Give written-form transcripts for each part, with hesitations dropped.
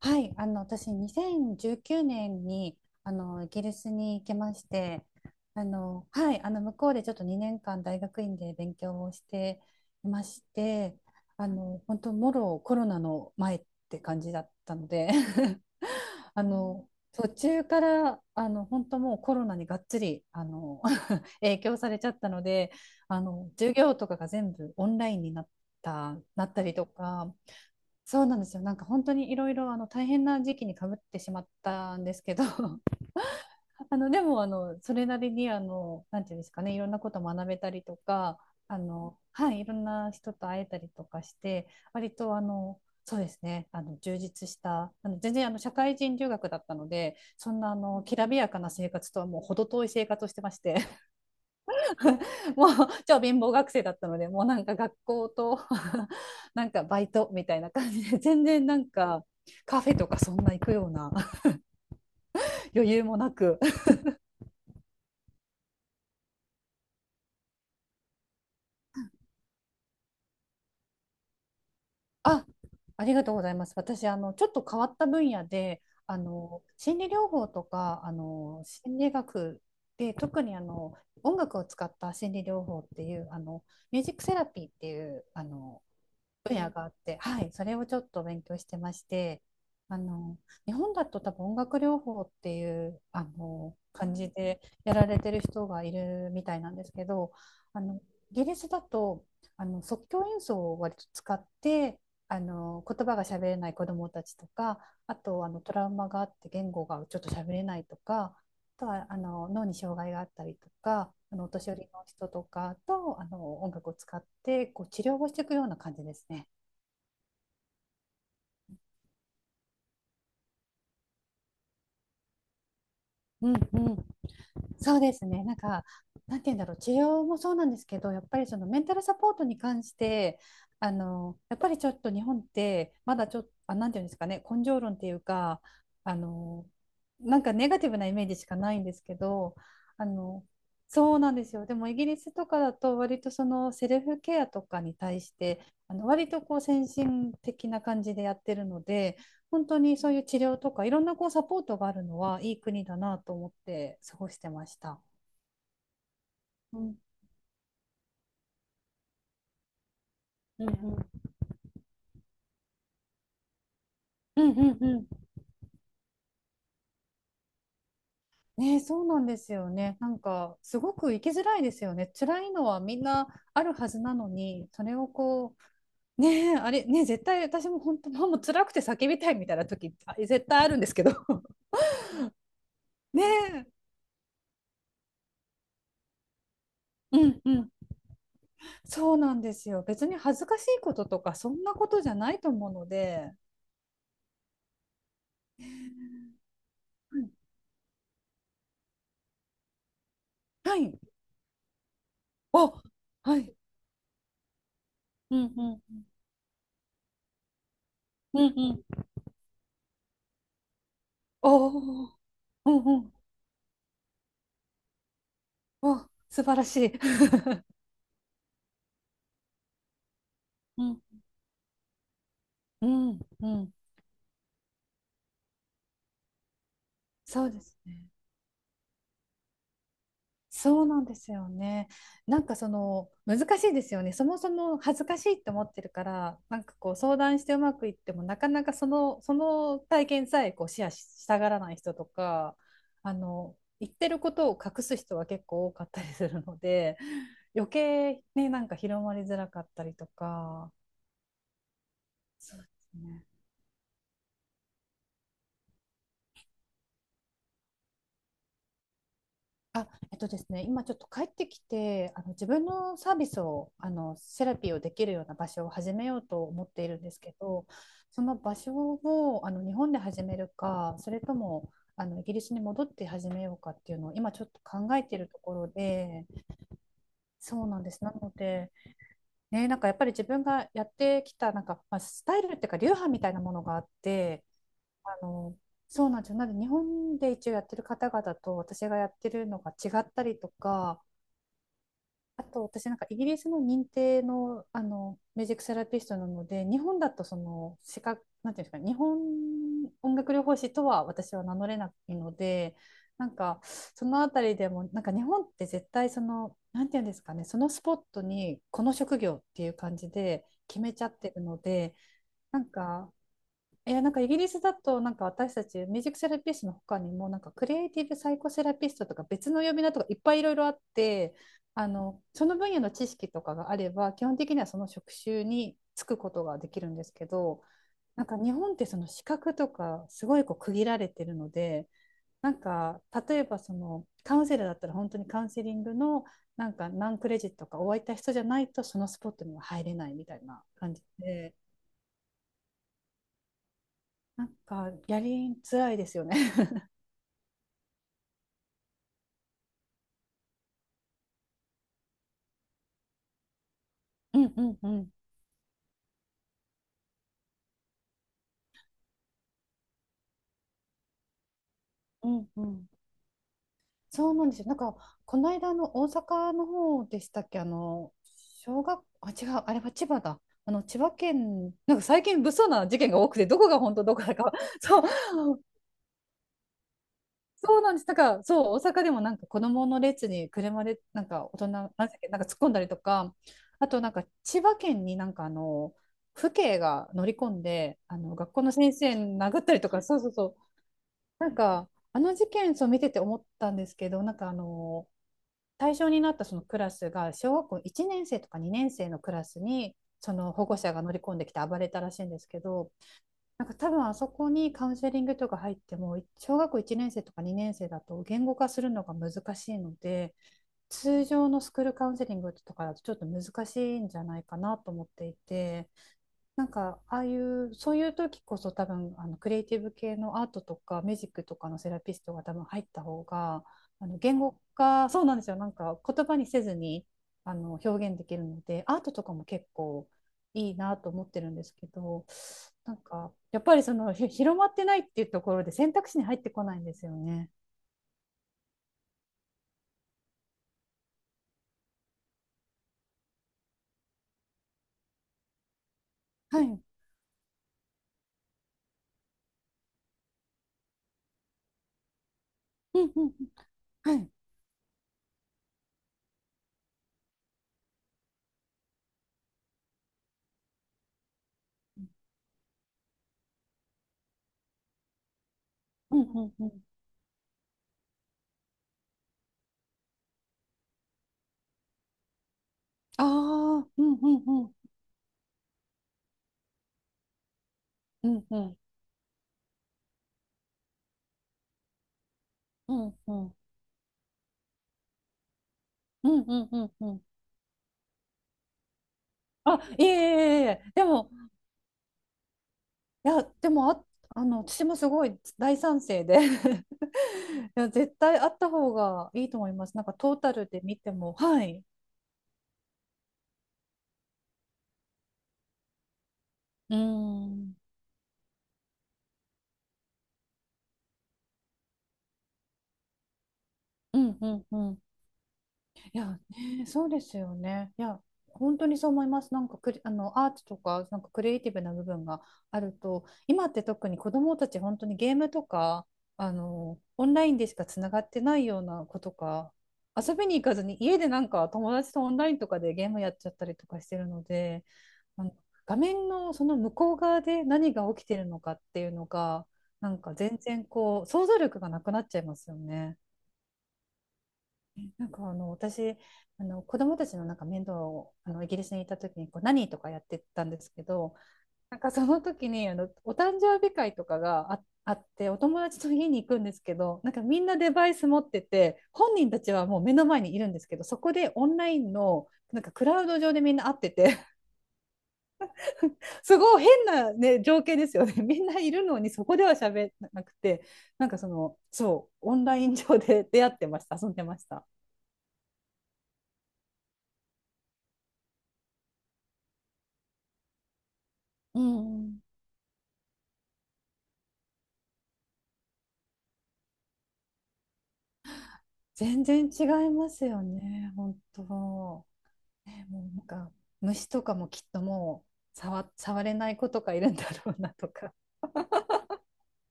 はい、私2019年にイギリスに行きまして、向こうでちょっと2年間大学院で勉強をしていまして、本当もろコロナの前って感じだったので 途中から本当もうコロナにがっつり影響されちゃったので、授業とかが全部オンラインになったりとか。そうなんですよ。なんか本当にいろいろ大変な時期にかぶってしまったんですけど、あのでもあのそれなりになんていうんですかね、いろんなこと学べたりとか、いろんな人と会えたりとかして、割とそうですね、充実した全然社会人留学だったので、そんなきらびやかな生活とはもう程遠い生活をしてまして、もう超貧乏学生だったのでもうなんか学校と なんかバイトみたいな感じで全然なんかカフェとかそんな行くような 余裕もなく あありがとうございます。私ちょっと変わった分野で心理療法とか心理学で特に音楽を使った心理療法っていうミュージックセラピーっていう分野があって、はい、それをちょっと勉強してまして、あの、日本だと多分音楽療法っていう、感じでやられてる人がいるみたいなんですけど、あの、イギリスだと、即興演奏を割と使って、言葉が喋れない子どもたちとか、あと、トラウマがあって言語がちょっと喋れないとか、あとは、脳に障害があったりとか、お年寄りの人とかと、音楽を使って、こう、治療をしていくような感じですね。うんうん、そうですね。なんか、なんて言うんだろう、治療もそうなんですけど、やっぱりそのメンタルサポートに関して、やっぱりちょっと日本って、まだちょっと、なんて言うんですかね、根性論っていうか、あの、なんかネガティブなイメージしかないんですけど、あの、そうなんですよ。でもイギリスとかだと、割とそのセルフケアとかに対して、割とこう先進的な感じでやってるので、本当にそういう治療とかいろんなこうサポートがあるのはいい国だなと思って過ごしてました。うんうんうんうんうんうん、ねそうなんですよね。なんかすごく生きづらいですよね。辛いのはみんなあるはずなのに、それをこうねえ、あれねえ、絶対私も本当もう辛くて叫びたいみたいな時絶対あるんですけど ねえ。うんうん、そうなんですよ。別に恥ずかしいこととかそんなことじゃないと思うので、うん、はい、あ、はい、うんうんうんうん、おお、うんうん、お、素晴らしい。 うんうんうん、そうですね、そうなんですよね。なんかその難しいですよね。そもそも恥ずかしいって思ってるからなんかこう相談してうまくいってもなかなかその体験さえこうシェアししたがらない人とか言ってることを隠す人は結構多かったりするので余計ね、なんか広まりづらかったりとか、そうですね。あ、えっとですね、今ちょっと帰ってきて、自分のサービスを、セラピーをできるような場所を始めようと思っているんですけど、その場所を日本で始めるか、それともイギリスに戻って始めようかっていうのを今ちょっと考えているところで、そうなんです。なので、ね、なんかやっぱり自分がやってきたなんか、まあ、スタイルっていうか流派みたいなものがあって、あのそうなんですよ。なので日本で一応やってる方々と私がやってるのが違ったりとか、あと私なんかイギリスの認定の、ミュージックセラピストなので、日本だとその資格なんていうんですかね、日本音楽療法士とは私は名乗れないので、なんかそのあたりでもなんか日本って絶対そのなんていうんですかね、そのスポットにこの職業っていう感じで決めちゃってるので、なんかいや、なんかイギリスだと、なんか私たちミュージックセラピストの他にも、なんかクリエイティブサイコセラピストとか別の呼び名とかいっぱいいろいろあって、その分野の知識とかがあれば、基本的にはその職種に就くことができるんですけど、なんか日本ってその資格とかすごいこう区切られてるので、なんか例えばそのカウンセラーだったら本当にカウンセリングのなんか何クレジットかをわった人じゃないとそのスポットには入れないみたいな感じで、なんかやりづらいですよね。うんうんうんうんうん、そうなんですよ。なんかこの間の大阪の方でしたっけ、あの小学あ違うあれは千葉だ。千葉県、なんか最近物騒な事件が多くてどこが本当どこだか そう、そうなんです。なんか、そう大阪でもなんか子供の列に車でなんか大人なんだっけ、なんか突っ込んだりとか、あとなんか千葉県になんか父兄が乗り込んで学校の先生殴ったりとか、そうそうそう、なんか、事件を見てて思ったんですけど、なんか対象になったそのクラスが、小学校1年生とか2年生のクラスに、その保護者が乗り込んできて暴れたらしいんですけど、なんか多分あそこにカウンセリングとか入っても、小学校1年生とか2年生だと言語化するのが難しいので、通常のスクールカウンセリングとかだとちょっと難しいんじゃないかなと思っていて、なんか、ああいう、そういう時こそ多分、クリエイティブ系のアートとか、ミュージックとかのセラピストが多分入った方が、言語化、そうなんですよ。なんか、言葉にせずに、表現できるので、アートとかも結構いいなと思ってるんですけど、なんか、やっぱりその、ひ広まってないっていうところで選択肢に入ってこないんですよね。はい。うんうんうん。はい。うんうんうん。ああ、うんうんうん。うんうん。うんうん。うんうんうんうん。あ、いえいえいえ、でも、いや、でもあ、私もすごい大賛成で いや、絶対あった方がいいと思います。なんかトータルで見ても、はい。うーん、うん、うん、う、いや、ね、そうですよね。いや、本当にそう思います。なんかクリ、あの、アートとか、なんかクリエイティブな部分があると、今って特に子どもたち、本当にゲームとか、オンラインでしかつながってないような子とか、遊びに行かずに家でなんか友達とオンラインとかでゲームやっちゃったりとかしてるので、あの画面のその向こう側で何が起きてるのかっていうのが、なんか全然こう、想像力がなくなっちゃいますよね。私子供たちのなんか面倒をイギリスにいた時にこう何とかやってたんですけど、なんかその時にお誕生日会とかがあって、お友達と家に行くんですけど、なんかみんなデバイス持ってて本人たちはもう目の前にいるんですけど、そこでオンラインのなんかクラウド上でみんな会ってて すごい変な、ね、情景ですよね。 みんないるのにそこでは喋らなくて、なんかその、そうオンライン上で出会ってました、遊んでました。うん、全然違いますよね、本当。ね、もうなんか虫とかもきっともう触、触れない子とかいるんだろうなとか。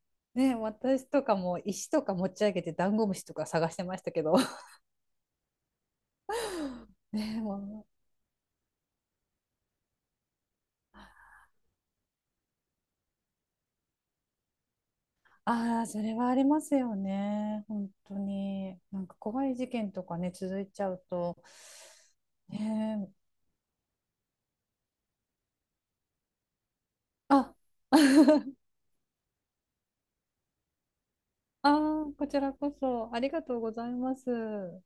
ね、私とかも石とか持ち上げてダンゴムシとか探してましたけど。ね、もう、ああ、それはありますよね、本当に。なんか怖い事件とかね、続いちゃうと。ねえ、あ、あー、こちらこそありがとうございます。